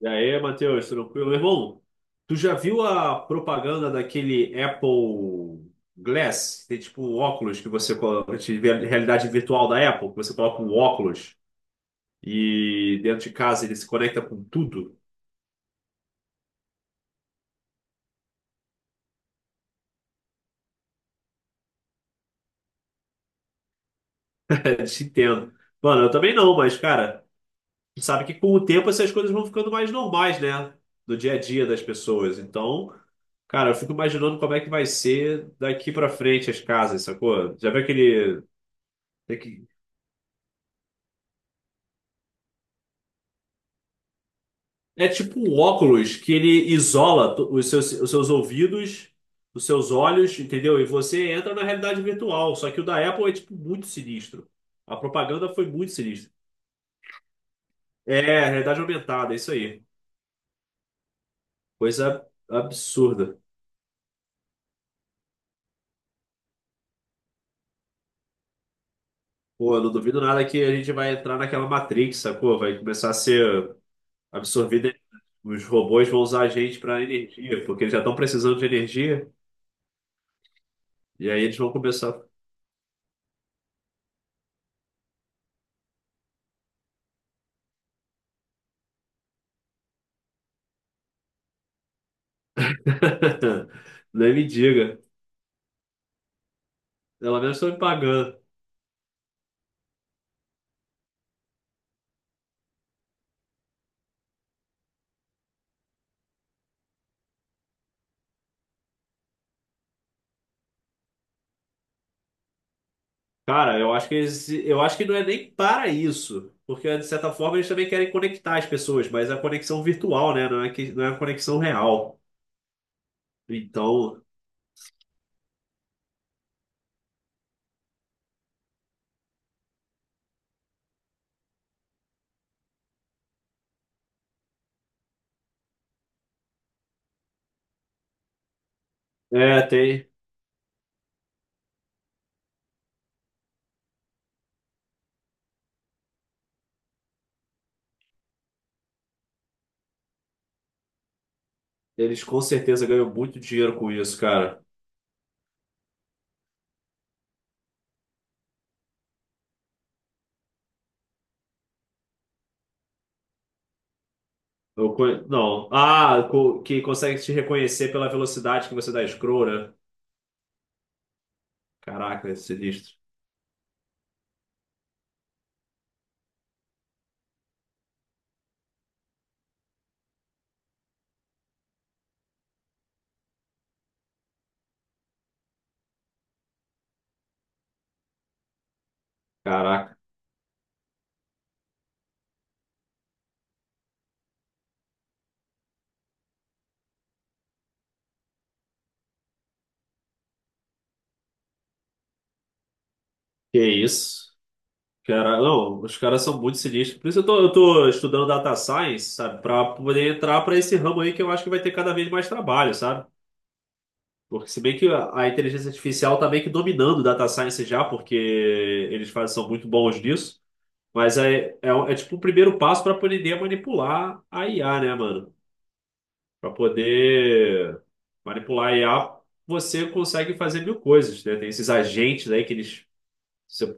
E aí, Matheus, tranquilo? Meu irmão, tu já viu a propaganda daquele Apple Glass? Tem tipo um óculos que você coloca, de realidade virtual da Apple, que você coloca um óculos e dentro de casa ele se conecta com tudo? É, se entendo. Mano, eu também não, mas cara, tu sabe que com o tempo essas coisas vão ficando mais normais, né? No dia a dia das pessoas. Então, cara, eu fico imaginando como é que vai ser daqui pra frente as casas, sacou? Já viu aquele. É tipo um óculos que ele isola os seus ouvidos, os seus olhos, entendeu? E você entra na realidade virtual. Só que o da Apple é tipo muito sinistro. A propaganda foi muito sinistra. É, realidade aumentada, é isso aí. Coisa absurda. Pô, eu não duvido nada que a gente vai entrar naquela Matrix, sacou? Vai começar a ser absorvida. Os robôs vão usar a gente para energia, porque eles já estão precisando de energia. E aí eles vão começar. Nem me diga. Pelo menos estão me pagando. Cara, eu acho que eles, eu acho que não é nem para isso, porque de certa forma eles também querem conectar as pessoas, mas é a conexão virtual, né? Não é que não é a conexão real. Então, é, tem, eles com certeza ganham muito dinheiro com isso, cara. Eu, não, ah, que consegue te reconhecer pela velocidade que você dá scroll, né? Caraca, é sinistro. Caraca, que isso? Cara, não, os caras são muito sinistros. Por isso eu tô estudando data science, sabe? Pra poder entrar pra esse ramo aí que eu acho que vai ter cada vez mais trabalho, sabe? Porque se bem que a inteligência artificial tá meio que dominando data science já, porque eles fazem, são muito bons nisso. Mas é tipo o primeiro passo pra poder manipular a IA, né, mano? Pra poder manipular a IA, você consegue fazer mil coisas, né? Tem esses agentes aí que eles... você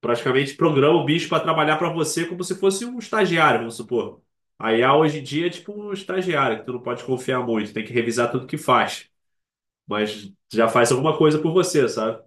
praticamente programa o bicho para trabalhar para você como se fosse um estagiário, vamos supor. A IA hoje em dia é tipo um estagiário, que tu não pode confiar muito, tem que revisar tudo que faz, mas já faz alguma coisa por você, sabe?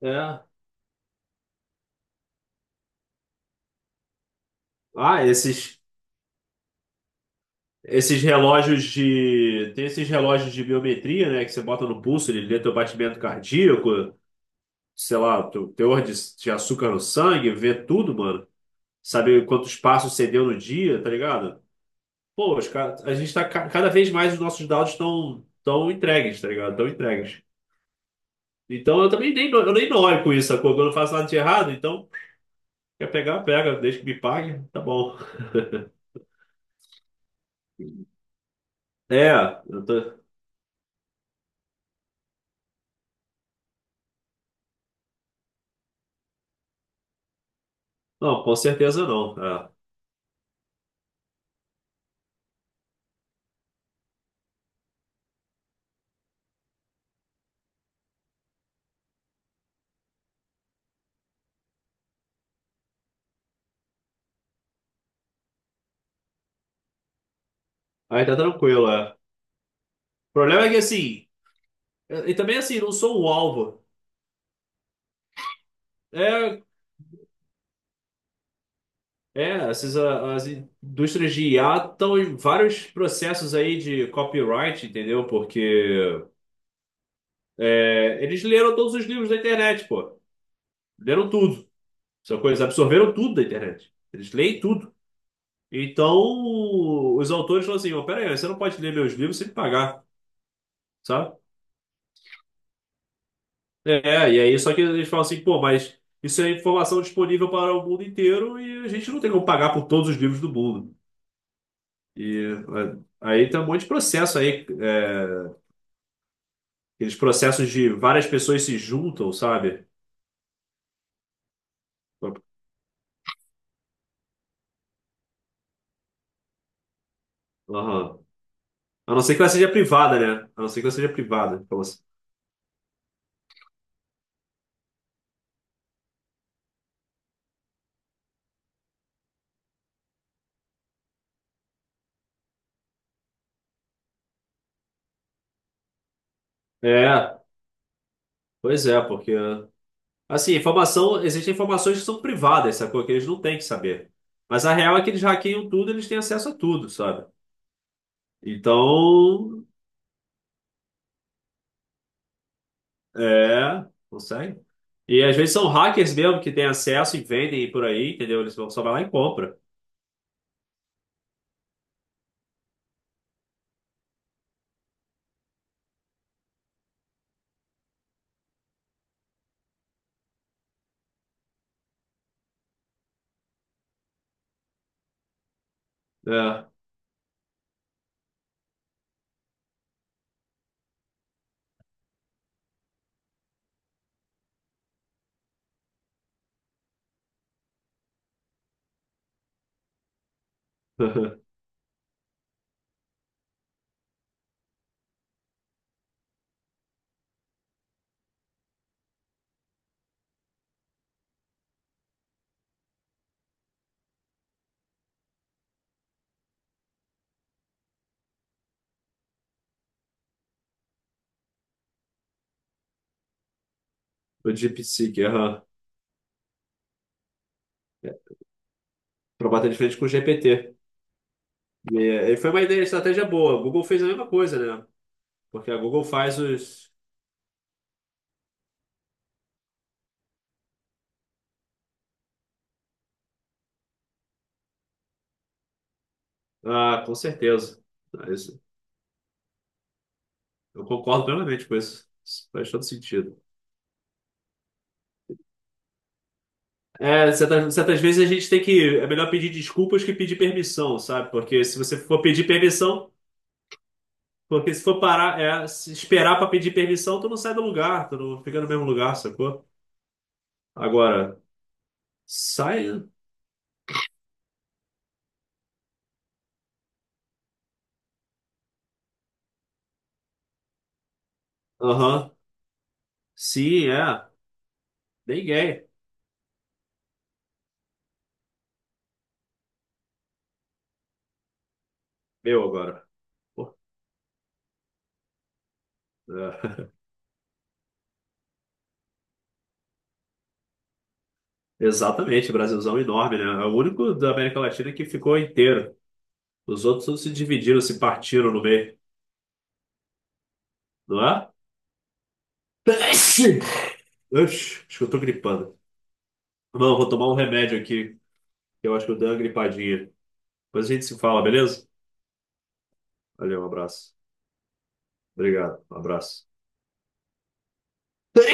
É. Ah, esses esses relógios de tem esses relógios de biometria, né, que você bota no pulso, ele lê teu batimento cardíaco, sei lá, teu teor de açúcar no sangue, vê tudo, mano. Sabe quantos passos você deu no dia, tá ligado? Pô, a gente cada vez mais os nossos dados estão tão entregues, tá ligado? Estão entregues. Então eu também nem, no- eu nem noio com isso, sacou? Quando eu faço nada de errado, então quer pegar, pega, desde que me pague, tá bom. É, eu tô- não, com certeza não. É. Aí tá tranquilo, é. O problema é que assim, e também assim, não sou um alvo. É, essas as indústrias de IA estão em vários processos aí de copyright, entendeu? Porque é, eles leram todos os livros da internet, pô. Leram tudo. Sacou? Eles absorveram tudo da internet. Eles leem tudo. Então, os autores falam assim: ó, pera aí, você não pode ler meus livros sem me pagar, sabe? É, e aí, só que eles falam assim: pô, mas isso é informação disponível para o mundo inteiro e a gente não tem como pagar por todos os livros do mundo. E é, aí tem um monte de processo aí, é, aqueles processos de várias pessoas se juntam, sabe? Aham. A não ser que ela seja privada, né? A não ser que ela seja privada. Então, assim, é, pois é, porque assim, informação, existem informações que são privadas, sacou? Que eles não têm que saber. Mas a real é que eles hackeiam tudo, eles têm acesso a tudo, sabe? Então, é, consegue. E às vezes são hackers mesmo que têm acesso e vendem por aí, entendeu? Só vai lá e compra. É. O DeepSeek, aham. Para bater de frente com o GPT. E, é, e foi uma ideia, estratégia boa. A Google fez a mesma coisa, né? Porque a Google faz os. Ah, com certeza. Ah, isso- eu concordo plenamente com isso. Isso faz todo sentido. É, certas vezes a gente tem que. É melhor pedir desculpas que pedir permissão, sabe? Porque se você for pedir permissão, porque se for parar, é, se esperar pra pedir permissão, tu não sai do lugar, tu não fica no mesmo lugar, sacou? Agora, sai. Aham. Sim, é. Ninguém. Meu agora. Pô, é. Exatamente, Brasilzão é enorme, né? É o único da América Latina que ficou inteiro. Os outros todos se dividiram, se partiram no meio, não é? Oxi, acho que eu tô gripando. Não, vou tomar um remédio aqui. Eu acho que o Dangri Padilha. Depois a gente se fala, beleza? Valeu, um abraço. Obrigado, um abraço.